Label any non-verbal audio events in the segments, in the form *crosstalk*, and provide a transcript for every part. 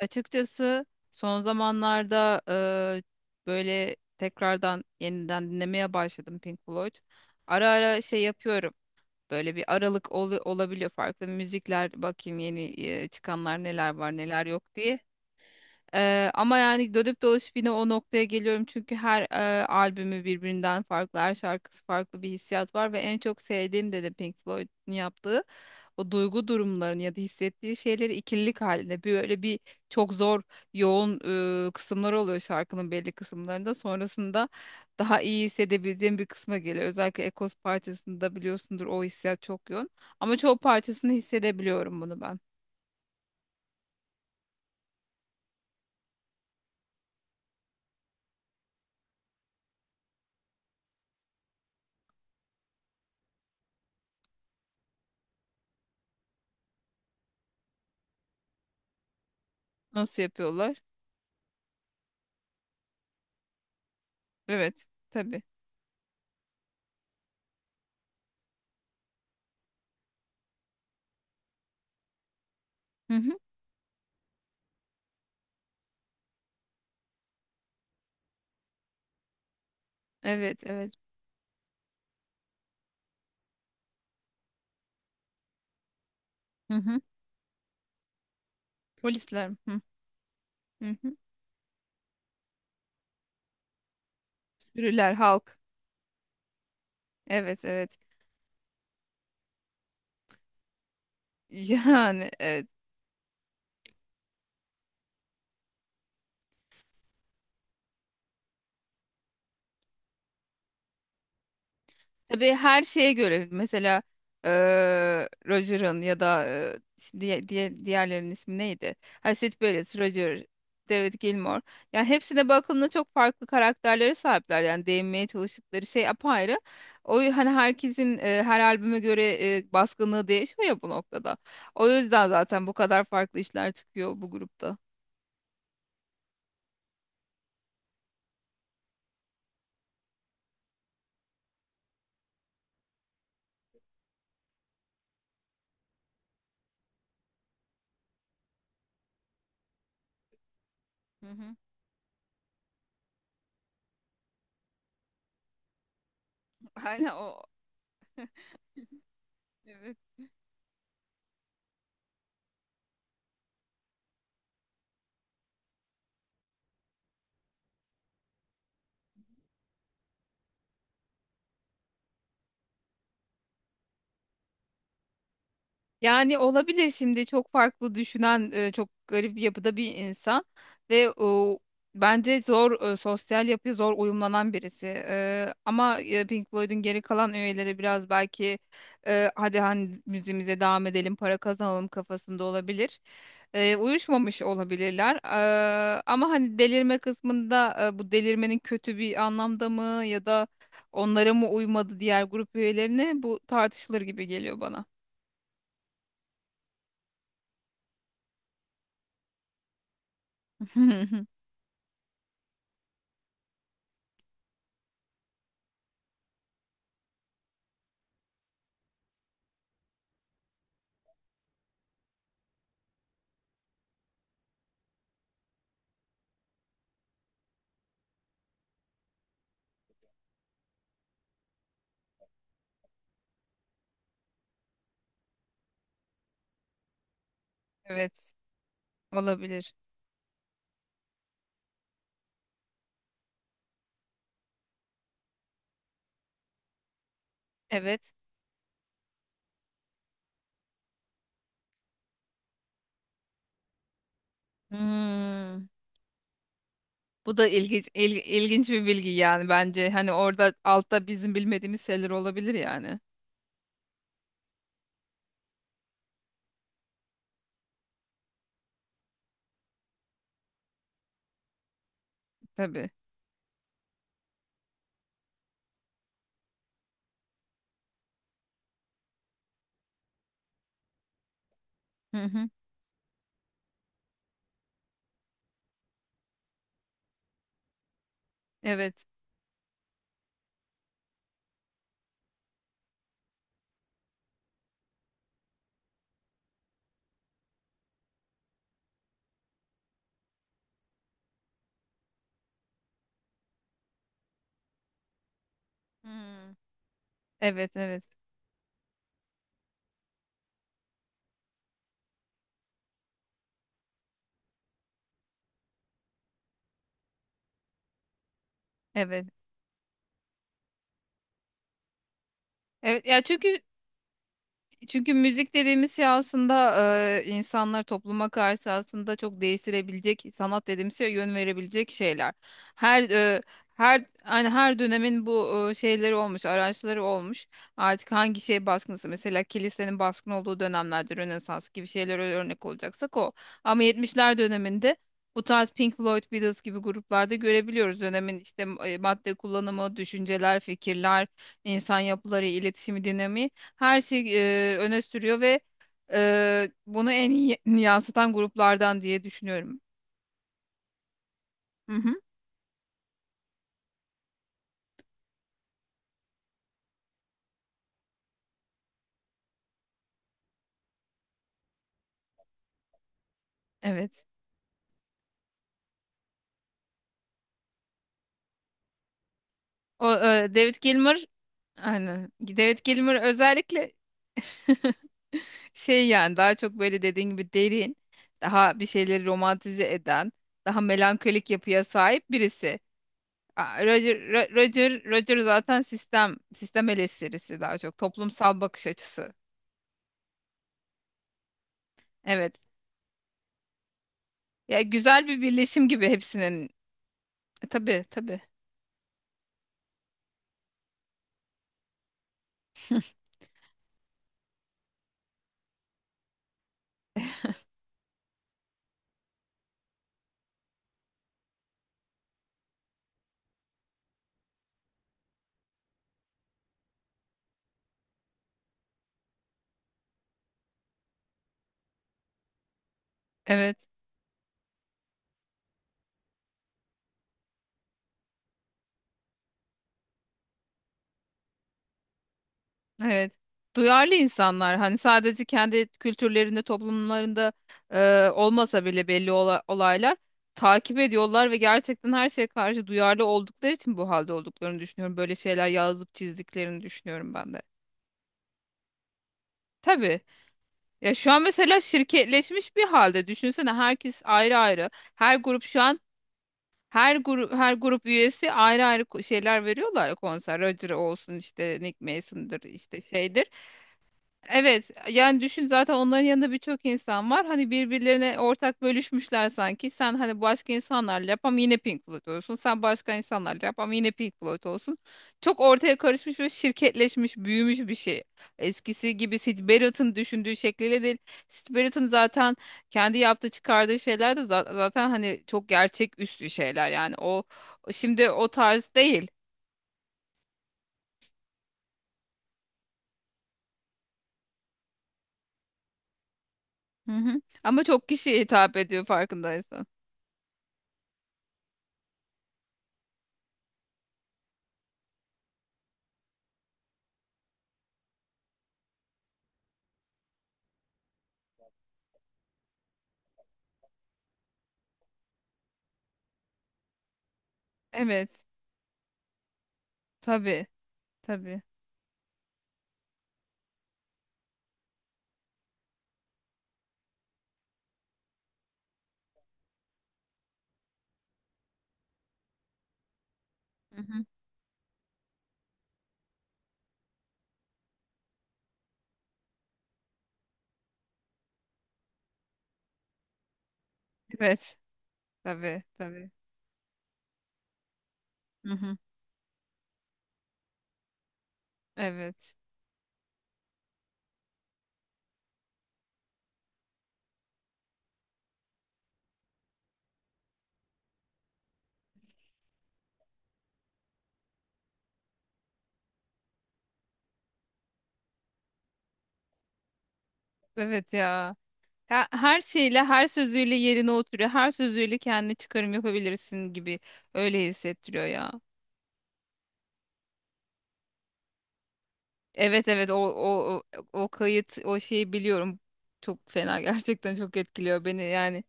Açıkçası son zamanlarda böyle tekrardan yeniden dinlemeye başladım Pink Floyd. Ara ara şey yapıyorum. Böyle bir aralık olabiliyor farklı müzikler bakayım yeni çıkanlar neler var neler yok diye. Ama yani dönüp dolaşıp yine o noktaya geliyorum çünkü her albümü birbirinden farklı, her şarkısı farklı bir hissiyat var ve en çok sevdiğim de Pink Floyd'un yaptığı o duygu durumlarını ya da hissettiği şeyleri ikililik halinde bir böyle bir çok zor yoğun kısımları oluyor şarkının belli kısımlarında sonrasında daha iyi hissedebildiğim bir kısma geliyor, özellikle Ekos parçasında biliyorsundur o hissiyat çok yoğun ama çoğu parçasını hissedebiliyorum bunu ben. Nasıl yapıyorlar? Evet, tabii. Hı hı. Evet, evet. Hı hı. Polisler, hı hı. Hı. Sürüler, halk. Evet, evet. *laughs* Yani evet. Tabii her şeye göre mesela eee Roger'ın ya da işte diğerlerinin ismi neydi? Ha, Sid Barrett, Roger, David Gilmour. Yani hepsine bakıldığında çok farklı karakterlere sahipler. Yani değinmeye çalıştıkları şey apayrı. O hani herkesin her albüme göre baskınlığı değişiyor ya bu noktada. O yüzden zaten bu kadar farklı işler çıkıyor bu grupta. Hı hı. *laughs* Aynen o. Evet. Yani olabilir, şimdi çok farklı düşünen çok garip bir yapıda bir insan ve o, bence zor sosyal yapıya zor uyumlanan birisi. Ama Pink Floyd'un geri kalan üyeleri biraz belki hadi hani müziğimize devam edelim para kazanalım kafasında olabilir. Uyuşmamış olabilirler. Ama hani delirme kısmında bu delirmenin kötü bir anlamda mı ya da onlara mı uymadı diğer grup üyelerine, bu tartışılır gibi geliyor bana. *laughs* Evet, olabilir. Evet. Hmm. Bu da ilginç, ilginç bir bilgi yani bence. Hani orada altta bizim bilmediğimiz şeyler olabilir yani. Tabii. Hı hı. Evet. Hmm. Evet, evet. Evet. Evet ya çünkü çünkü müzik dediğimiz şey aslında insanlar topluma karşı aslında çok değiştirebilecek, sanat dediğimiz şey yön verebilecek şeyler. Her e, her hani her dönemin bu şeyleri olmuş, araçları olmuş. Artık hangi şey baskınsa, mesela kilisenin baskın olduğu dönemlerde Rönesans gibi şeyler örnek olacaksak o. Ama 70'ler döneminde bu tarz Pink Floyd, Beatles gibi gruplarda görebiliyoruz dönemin işte madde kullanımı, düşünceler, fikirler, insan yapıları, iletişimi, dinamiği her şey öne sürüyor ve bunu en iyi *laughs* yansıtan gruplardan diye düşünüyorum. Hı hı, evet. O David Gilmour, aynen. David Gilmour özellikle *laughs* şey yani daha çok böyle dediğin gibi derin, daha bir şeyleri romantize eden, daha melankolik yapıya sahip birisi. Aa, Roger, Roger zaten sistem eleştirisi, daha çok toplumsal bakış açısı. Evet. Ya güzel bir birleşim gibi hepsinin. Tabii tabii. Evet, evet. Duyarlı insanlar, hani sadece kendi kültürlerinde, toplumlarında olmasa bile belli olaylar takip ediyorlar ve gerçekten her şeye karşı duyarlı oldukları için bu halde olduklarını düşünüyorum. Böyle şeyler yazıp çizdiklerini düşünüyorum ben de. Tabii. Ya şu an mesela şirketleşmiş bir halde. Düşünsene, herkes ayrı ayrı. Her grup şu an her grup her grup üyesi ayrı ayrı şeyler veriyorlar ya, konser. Roger olsun, işte Nick Mason'dır, işte şeydir. Evet yani düşün, zaten onların yanında birçok insan var. Hani birbirlerine ortak bölüşmüşler sanki. Sen hani başka insanlarla yap ama yine Pink Floyd olsun. Sen başka insanlarla yap ama yine Pink Floyd olsun. Çok ortaya karışmış ve şirketleşmiş, büyümüş bir şey. Eskisi gibi Syd Barrett'ın düşündüğü şekliyle değil. Syd Barrett'ın zaten kendi yaptığı çıkardığı şeyler de zaten hani çok gerçek üstü şeyler. Yani o şimdi o tarz değil. Hı hı. Ama çok kişiye hitap ediyor farkındaysan. Evet. Tabii. Tabii. Hı hı. Evet. Tabii. Tabii. Hı hı. Evet. Evet ya. Her şeyle, her sözüyle yerine oturuyor. Her sözüyle kendi çıkarım yapabilirsin gibi öyle hissettiriyor ya. Evet evet, o kayıt, o şeyi biliyorum. Çok fena, *laughs* gerçekten çok etkiliyor beni yani.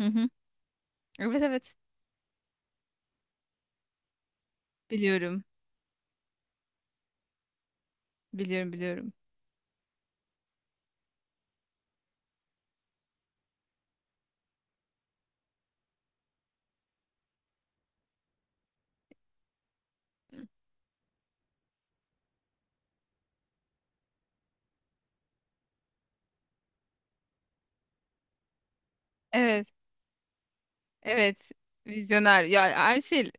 Hı hı. Evet, evet. Biliyorum. Biliyorum, biliyorum. Evet. Evet. Vizyoner. Ya her şey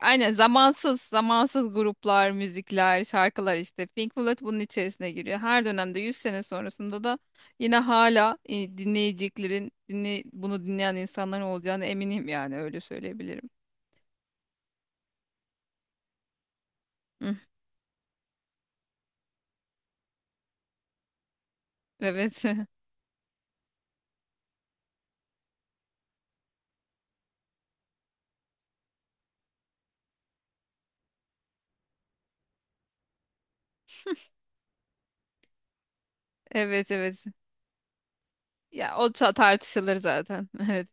aynen zamansız, zamansız gruplar, müzikler, şarkılar işte. Pink Floyd bunun içerisine giriyor. Her dönemde 100 sene sonrasında da yine hala dinleyeceklerin, bunu dinleyen insanların olacağına eminim, yani öyle söyleyebilirim. Hı, evet, *laughs* evet, evet. Ya o tartışılır zaten. *laughs* Evet.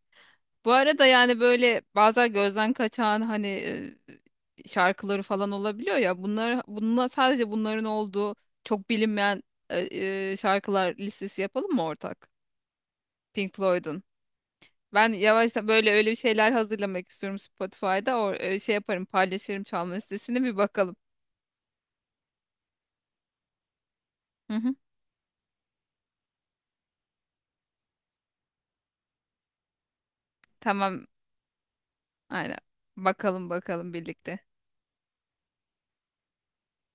Bu arada yani böyle bazen gözden kaçan hani şarkıları falan olabiliyor ya. Bunlar bununla sadece bunların olduğu çok bilinmeyen şarkılar listesi yapalım mı ortak? Pink Floyd'un. Ben yavaştan böyle öyle bir şeyler hazırlamak istiyorum Spotify'da. O şey yaparım, paylaşırım çalma listesini, bir bakalım. Hı hı. Tamam. Aynen. Bakalım bakalım, birlikte.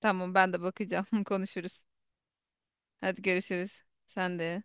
Tamam, ben de bakacağım. *laughs* Konuşuruz. Hadi görüşürüz. Sen de.